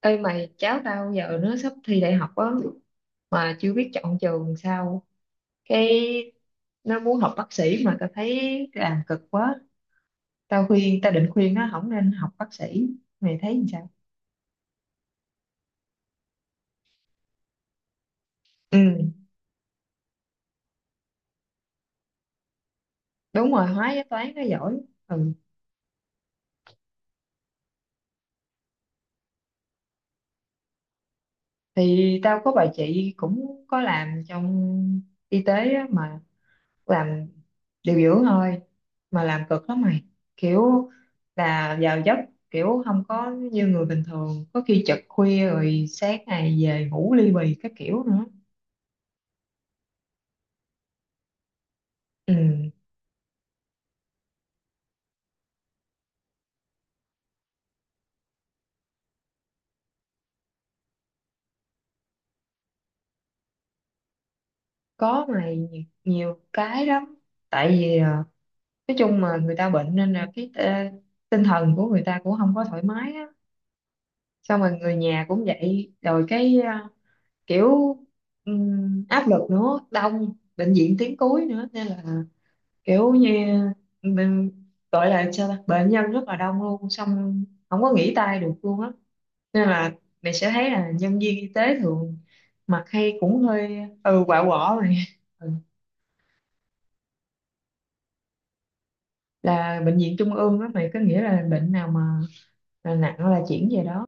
Ê mày, cháu tao giờ nó sắp thi đại học á, mà chưa biết chọn trường sao. cái nó muốn học bác sĩ mà tao thấy làm cực quá. Tao định khuyên nó không nên học bác sĩ. Mày thấy làm sao? Ừ, đúng rồi, hóa với toán nó giỏi. Ừ, thì tao có bà chị cũng có làm trong y tế á, mà làm điều dưỡng thôi, mà làm cực lắm mày. kiểu là vào giấc kiểu không có như người bình thường, có khi trực khuya rồi sáng ngày về ngủ ly bì các kiểu nữa. Ừ, có mày, nhiều cái lắm. Tại vì nói chung mà người ta bệnh nên là tinh thần của người ta cũng không có thoải mái á. Xong rồi người nhà cũng vậy, rồi cái à, kiểu áp lực nữa, đông, bệnh viện tuyến cuối nữa, nên là kiểu như mình gọi là sao ta? Bệnh nhân rất là đông luôn, xong không có nghỉ tay được luôn á. Nên là mày sẽ thấy là nhân viên y tế thường mặt hay cũng hơi quạ quọ rồi. Ừ. Là bệnh viện trung ương đó mày, có nghĩa là bệnh nào mà là nặng là chuyển về đó.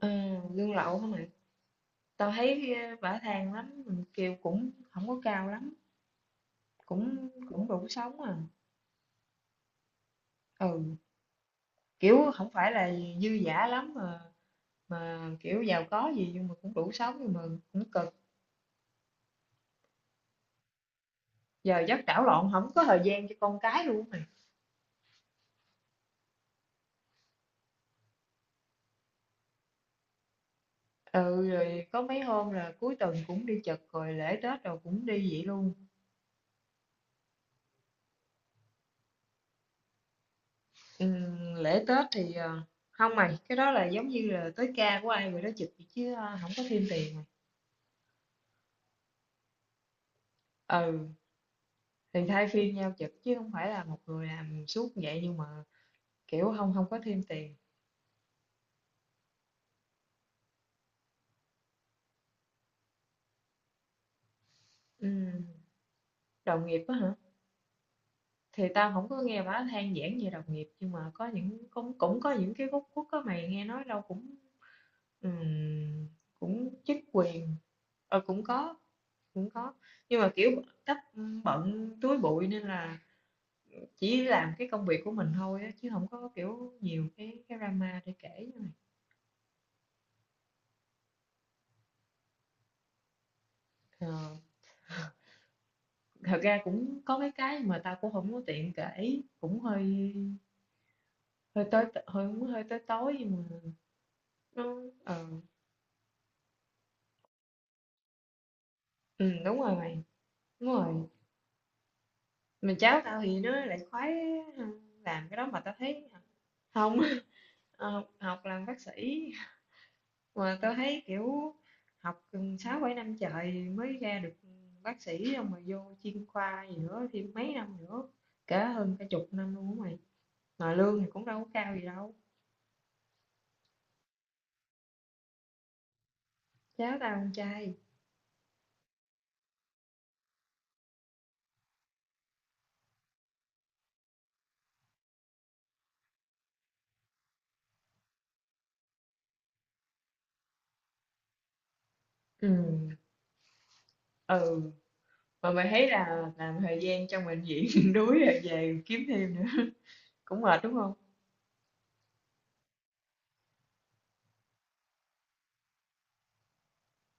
Ờ, lương lậu hả mày, tao thấy bả than lắm, kêu cũng không có cao lắm, cũng cũng đủ sống à. Ừ, kiểu không phải là dư dả lắm, mà kiểu giàu có gì, nhưng mà cũng đủ sống, nhưng mà cũng cực. Giờ giấc đảo lộn, không có thời gian cho con cái luôn mày. Ừ, rồi có mấy hôm là cuối tuần cũng đi chật, rồi lễ Tết rồi cũng đi vậy luôn. Ừ, lễ Tết thì không mày, cái đó là giống như là tới ca của ai rồi đó chụp vậy, chứ không có thêm tiền mày. Ừ, thì thay phiên nhau chụp chứ không phải là một người làm suốt vậy, nhưng mà kiểu không không có thêm tiền. Ừ. Đồng nghiệp á hả? Thì tao không có nghe bả than vãn về đồng nghiệp, nhưng mà có những cũng cũng có những cái góc khuất á mày, nghe nói đâu cũng ừm, cũng chức quyền. Ờ, cũng có, cũng có, nhưng mà kiểu cách bận túi bụi, nên là chỉ làm cái công việc của mình thôi á, chứ không có kiểu nhiều cái drama để kể như này. Ờ, thật ra cũng có mấy cái mà tao cũng không có tiện kể, cũng hơi hơi tới tối nhưng mà nó ờ. Ừ, đúng rồi mày, đúng rồi. Mà cháu tao thì nó lại khoái làm cái đó, mà tao thấy à, không. Ờ, học làm bác sĩ, mà tao thấy kiểu học gần 6 7 năm trời mới ra được bác sĩ, xong rồi vô chuyên khoa gì nữa thêm mấy năm nữa, cả hơn cả chục năm luôn á mày, mà lương thì cũng đâu có cao gì đâu. Cháu tao con trai. Ừ, ừ, mà mày thấy là làm thời gian trong bệnh viện đuối rồi về kiếm thêm nữa cũng mệt đúng không?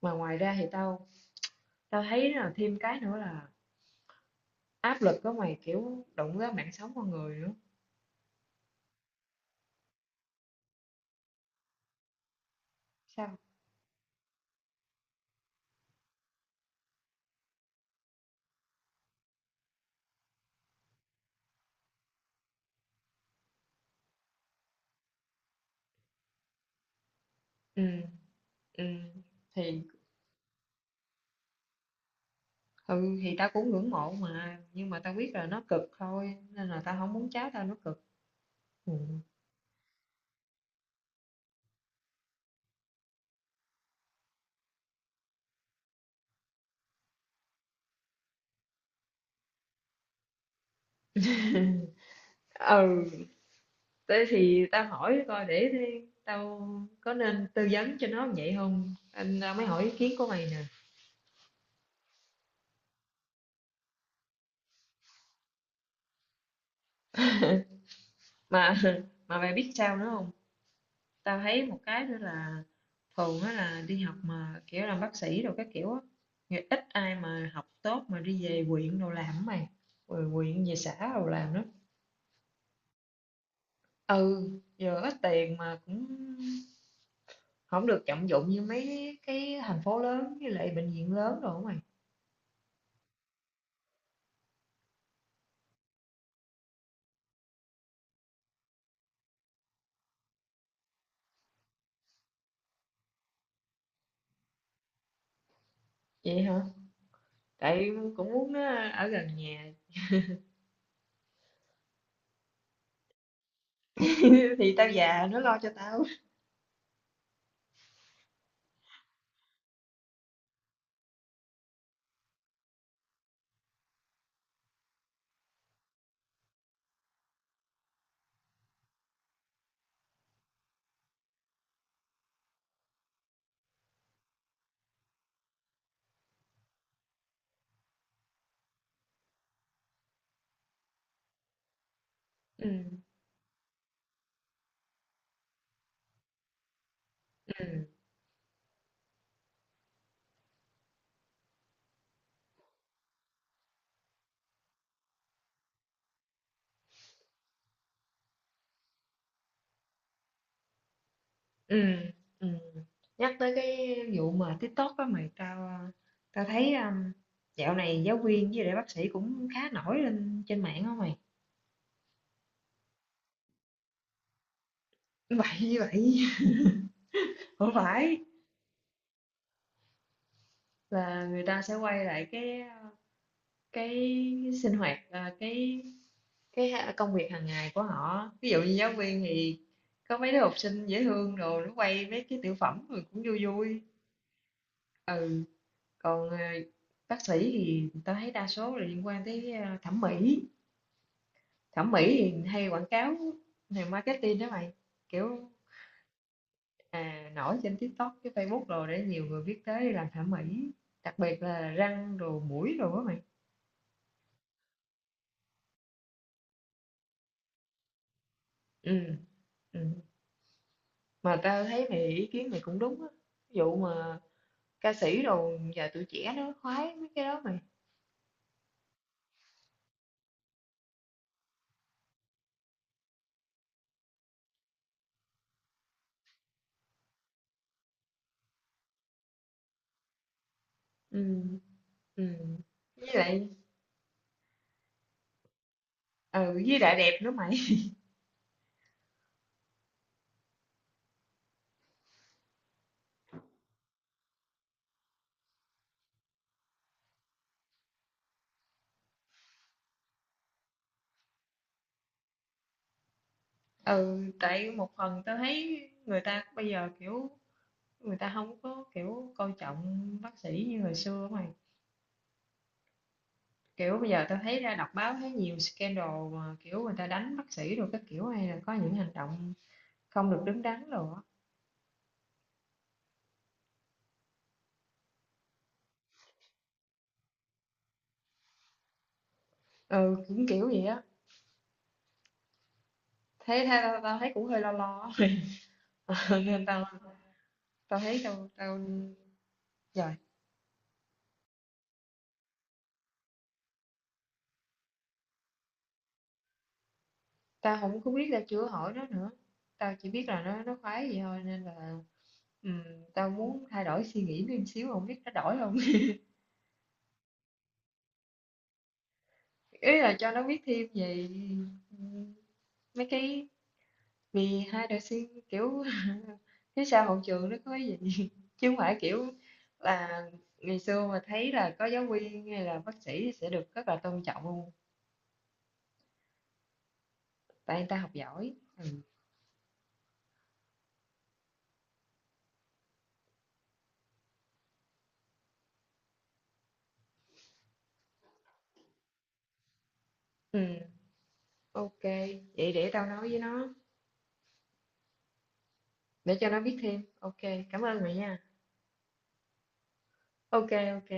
Mà ngoài ra thì tao tao thấy là thêm cái nữa là áp lực đó mày, kiểu đụng tới mạng sống con người nữa. Sao? Ừ, ừ. Thì ừ, thì tao cũng ngưỡng mộ mà, nhưng mà tao biết là nó cực thôi, nên là tao không muốn cháu tao nó cực. Ừ. Ừ, thế thì tao hỏi coi để thế tao có nên tư vấn cho nó vậy không? Anh tao mới hỏi ý kiến của mày nè. Mà mà mày biết sao nữa không? Tao thấy một cái nữa là thường á là đi học mà kiểu làm bác sĩ rồi các kiểu á, thì ít ai mà học tốt mà đi về quyện đồ làm á mày, rồi quyện về xã đồ làm đó. Ừ, giờ ít tiền mà cũng không được trọng dụng như mấy cái thành phố lớn với lại bệnh viện lớn đồ á mày. Vậy hả? Tại cũng muốn nó ở gần nhà. Thì tao già nó lo cho tao. Ừ, ừ. Ừ, ừ. Nhắc tới cái vụ mà TikTok đó mày, tao thấy dạo này giáo viên với lại bác sĩ cũng khá nổi lên trên mạng không mày? Vậy như vậy. Không phải, là người ta sẽ quay lại cái ờ, cái sinh hoạt công việc hàng ngày của họ, ví dụ như giáo viên thì có mấy đứa học sinh dễ thương rồi nó quay mấy cái tiểu phẩm rồi cũng vui vui. Ừ, còn bác sĩ thì tao thấy đa số là liên quan tới thẩm mỹ. Thẩm mỹ thì hay quảng cáo, này marketing đó mày, kiểu nổi trên TikTok, cái Facebook, rồi để nhiều người biết tới đi làm thẩm mỹ, đặc biệt là răng đồ mũi đồ đó mày. Ừ, ừ. Mà tao thấy mày, ý kiến mày cũng đúng á. Ví dụ mà ca sĩ đồ giờ tụi trẻ nó khoái mấy cái đó mày. Ừ, ừ. Với lại ừ, với lại đẹp nữa mày. Ừ, tại một phần tao thấy người ta bây giờ kiểu người ta không có kiểu coi trọng bác sĩ như hồi xưa mày. Kiểu bây giờ tao thấy ra đọc báo thấy nhiều scandal, mà kiểu người ta đánh bác sĩ rồi các kiểu, hay là có những hành động không được đứng đắn rồi á. Ừ, cũng kiểu vậy á. Tao, tao thấy cũng hơi lo lo. Nên tao tao thấy tao tao rồi, tao không có biết, tao chưa hỏi nó nữa. Tao chỉ biết là nó khoái vậy thôi, nên là ừm, tao muốn thay đổi suy nghĩ thêm xíu, không biết nó đổi không. Ý là cho nó biết thêm về ừm, mấy cái vì hai đời sinh kiểu phía sau hậu trường nó có cái gì, chứ không phải kiểu là ngày xưa mà thấy là có giáo viên hay là bác sĩ sẽ được rất là tôn trọng luôn, tại người ta học giỏi. Ừ. Ừ, ok. Vậy để tao nói với nó, để cho nó biết thêm. Ok, cảm ơn mày nha. Ok, ok.